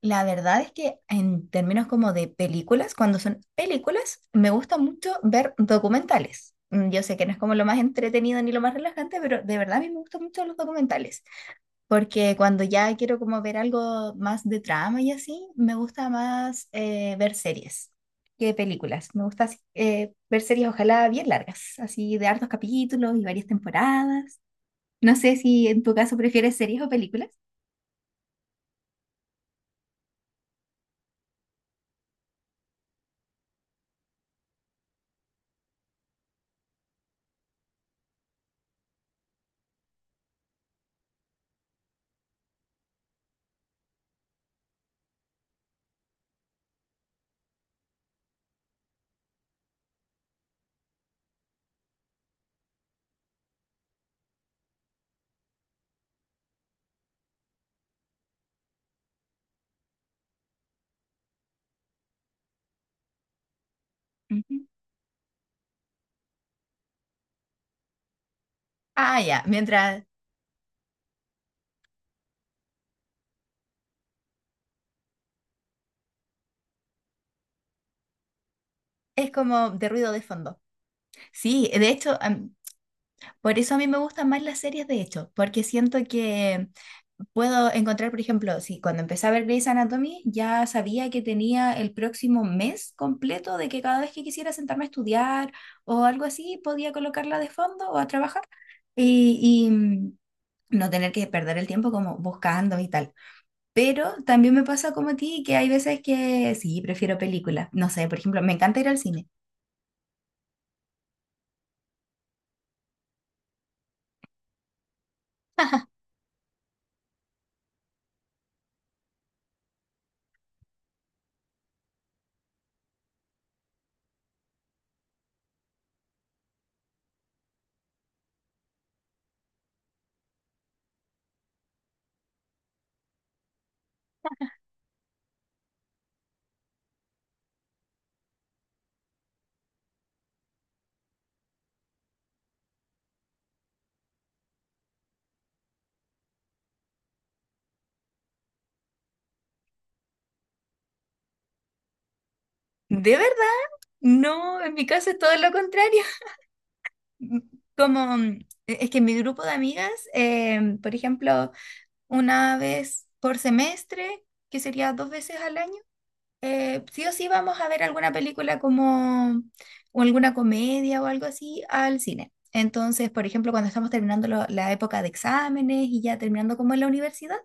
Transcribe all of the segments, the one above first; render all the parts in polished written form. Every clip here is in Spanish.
La verdad es que en términos como de películas, cuando son películas, me gusta mucho ver documentales. Mm, yo sé que no es como lo más entretenido ni lo más relajante, pero de verdad a mí me gustan mucho los documentales, porque cuando ya quiero como ver algo más de trama y así, me gusta más ver series que películas. Me gusta así, ver series ojalá bien largas, así de hartos capítulos y varias temporadas. No sé si en tu caso prefieres series o películas. Ujú. Ah, ya, mientras. Es como de ruido de fondo. Sí, de hecho, por eso a mí me gustan más las series, de hecho, porque siento que puedo encontrar, por ejemplo, si cuando empecé a ver Grey's Anatomy, ya sabía que tenía el próximo mes completo de que cada vez que quisiera sentarme a estudiar o algo así, podía colocarla de fondo o a trabajar y, y no tener que perder el tiempo como buscando y tal. Pero también me pasa como a ti que hay veces que sí, prefiero películas. No sé, por ejemplo, me encanta ir al cine. ¿De verdad? No, en mi caso es todo lo contrario. Mm, Como, es que en mi grupo de amigas, por ejemplo, una vez por semestre, que sería dos veces al año, sí o sí vamos a ver alguna película como o alguna comedia o algo así al cine. Entonces, por ejemplo, cuando estamos terminando la época de exámenes y ya terminando como en la universidad,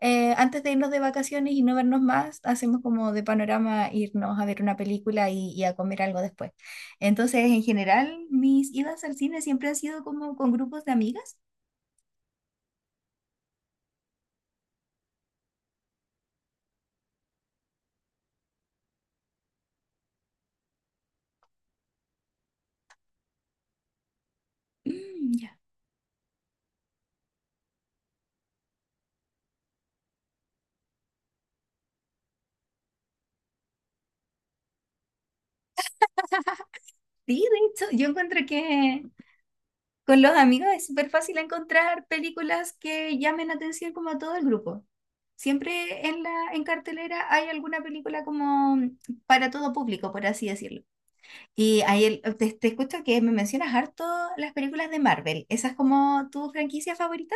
antes de irnos de vacaciones y no vernos más, hacemos como de panorama irnos a ver una película y a comer algo después. Entonces, en general, mis idas al cine siempre han sido como con grupos de amigas. Mm, ya. Sí, de hecho, yo encuentro que con los amigos es súper fácil encontrar películas que llamen la atención como a todo el grupo. Siempre en la, en cartelera hay alguna película como para todo público, por así decirlo. Y ahí te, te escucho que me mencionas harto las películas de Marvel. ¿Esa es como tu franquicia favorita?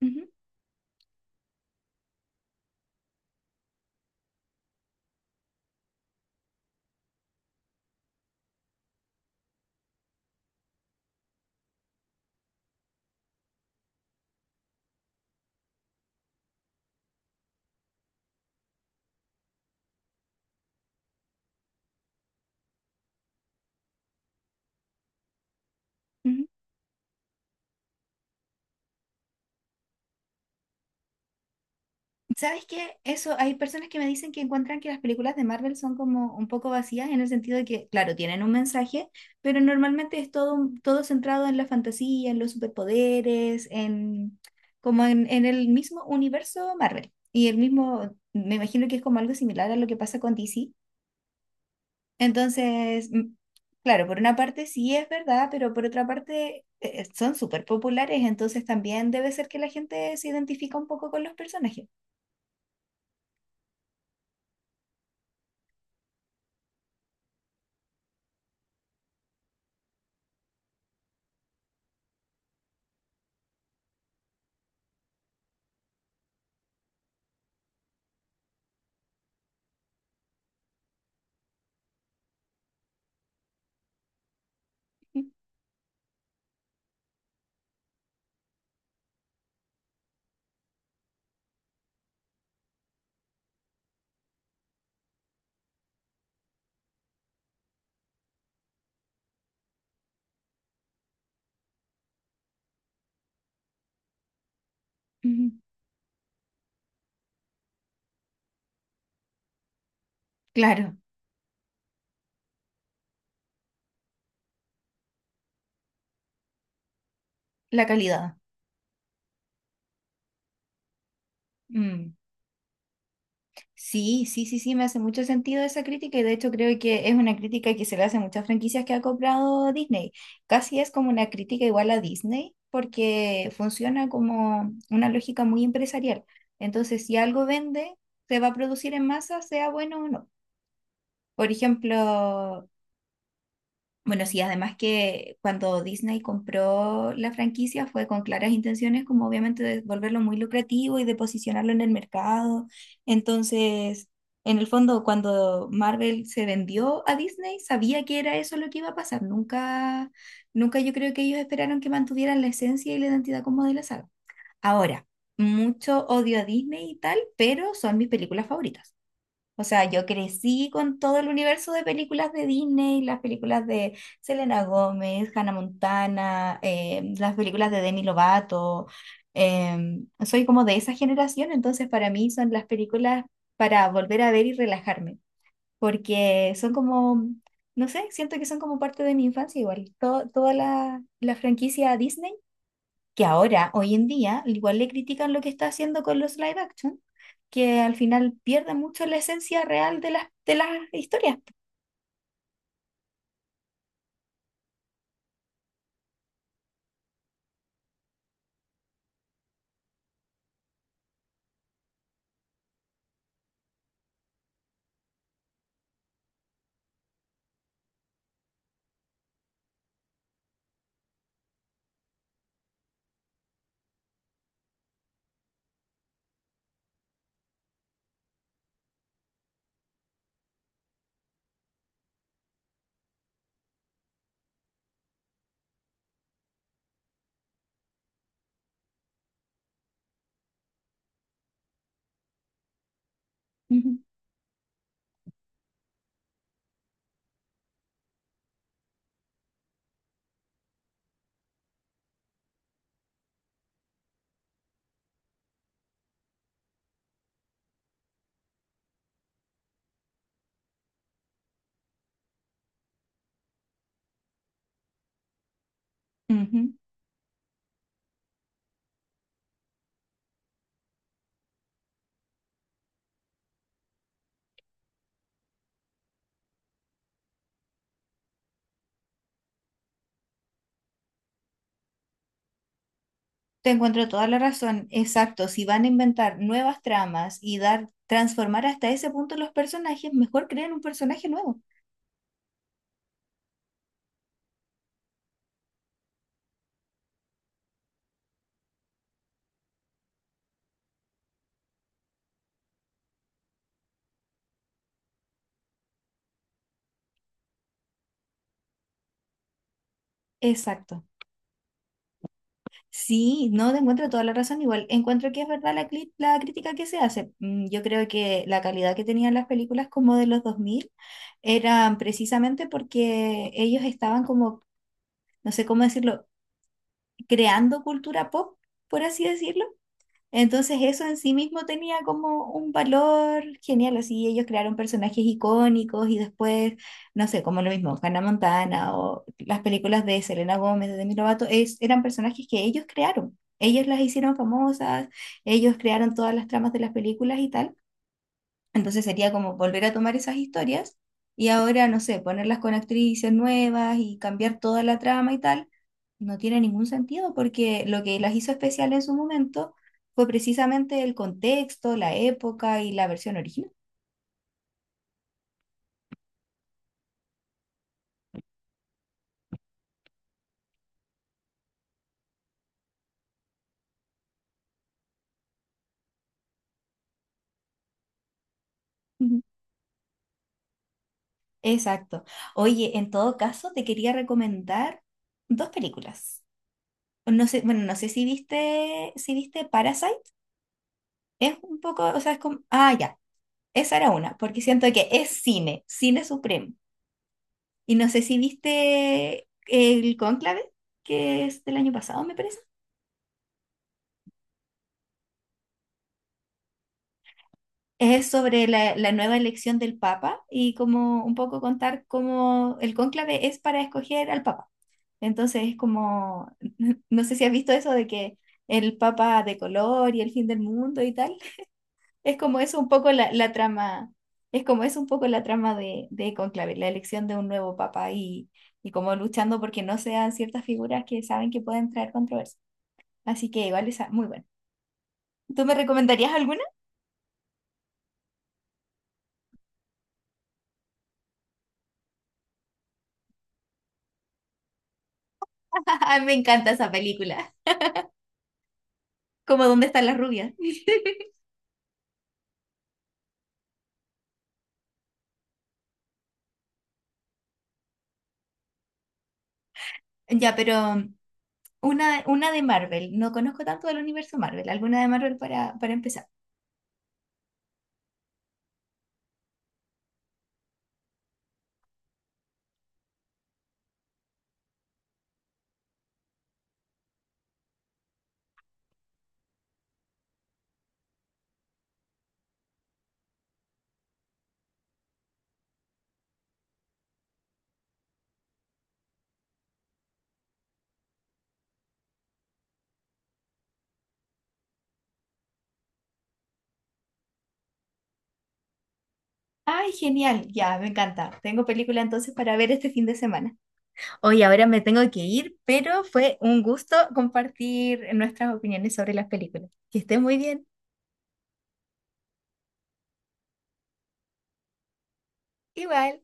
Ujú, ujú. ¿Sabes qué? Eso, hay personas que me dicen que encuentran que las películas de Marvel son como un poco vacías en el sentido de que, claro, tienen un mensaje, pero normalmente es todo, todo centrado en la fantasía, en los superpoderes, en como en el mismo universo Marvel. Y el mismo, me imagino que es como algo similar a lo que pasa con DC. Entonces, mm, claro, por una parte sí es verdad, pero por otra parte son súper populares, entonces también debe ser que la gente se identifica un poco con los personajes. Claro, la calidad. Mm. Sí, sí, sí, sí, me hace mucho sentido esa crítica y de hecho creo que es una crítica que se le hace a muchas franquicias que ha comprado Disney. Casi es como una crítica igual a Disney porque funciona como una lógica muy empresarial. Entonces, si algo vende, se va a producir en masa, sea bueno o no. Por ejemplo, bueno, sí, además que cuando Disney compró la franquicia fue con claras intenciones, como obviamente de volverlo muy lucrativo y de posicionarlo en el mercado. Entonces, en el fondo, cuando Marvel se vendió a Disney, sabía que era eso lo que iba a pasar. Nunca, nunca yo creo que ellos esperaron que mantuvieran la esencia y la identidad como de la saga. Ahora, mucho odio a Disney y tal, pero son mis películas favoritas. O sea, yo crecí con todo el universo de películas de Disney, las películas de Selena Gómez, Hannah Montana, las películas de Demi Lovato. Soy como de esa generación, entonces para mí son las películas para volver a ver y relajarme, porque son como, no sé, siento que son como parte de mi infancia igual. Toda la, la franquicia Disney que ahora, hoy en día, igual le critican lo que está haciendo con los live action, que al final pierde mucho la esencia real de las historias. Ujú, ujú. Te encuentro toda la razón. Exacto, si van a inventar nuevas tramas y dar, transformar hasta ese punto los personajes, mejor creen un personaje nuevo. Exacto. Sí, no te encuentro toda la razón. Igual encuentro que es verdad la, la crítica que se hace. Mm, yo creo que la calidad que tenían las películas como de los 2000 eran precisamente porque ellos estaban como, no sé cómo decirlo, creando cultura pop, por así decirlo. Entonces eso en sí mismo tenía como un valor genial, así ellos crearon personajes icónicos y después, no sé, como lo mismo, Hannah Montana o las películas de Selena Gómez, de Demi Lovato, es, eran personajes que ellos crearon, ellos las hicieron famosas, ellos crearon todas las tramas de las películas y tal. Entonces sería como volver a tomar esas historias y ahora, no sé, ponerlas con actrices nuevas y cambiar toda la trama y tal, no tiene ningún sentido porque lo que las hizo especial en su momento fue precisamente el contexto, la época y la versión original. Ujú. Exacto. Oye, en todo caso, te quería recomendar dos películas. No sé, bueno, no sé si viste Parasite. Es un poco, o sea, es como, ah, ya, esa era una, porque siento que es cine, cine supremo. Y no sé si viste el Cónclave, que es del año pasado, me parece. Es sobre la, la nueva elección del Papa y como un poco contar cómo el cónclave es para escoger al Papa. Entonces es como, no sé si has visto eso de que el Papa de color y el fin del mundo y tal. Es como es un poco la, la trama, es como es un poco la trama de Cónclave, la elección de un nuevo Papa y como luchando porque no sean ciertas figuras que saben que pueden traer controversia. Así que igual es muy bueno. ¿Tú me recomendarías alguna? Ay, me encanta esa película. Como ¿Dónde están las rubias? Ya, pero una de Marvel. No conozco tanto del universo Marvel. ¿Alguna de Marvel para empezar? Ay, genial, ya, me encanta. Tengo película entonces para ver este fin de semana. Hoy ahora me tengo que ir, pero fue un gusto compartir nuestras opiniones sobre las películas. Que estés muy bien. Igual.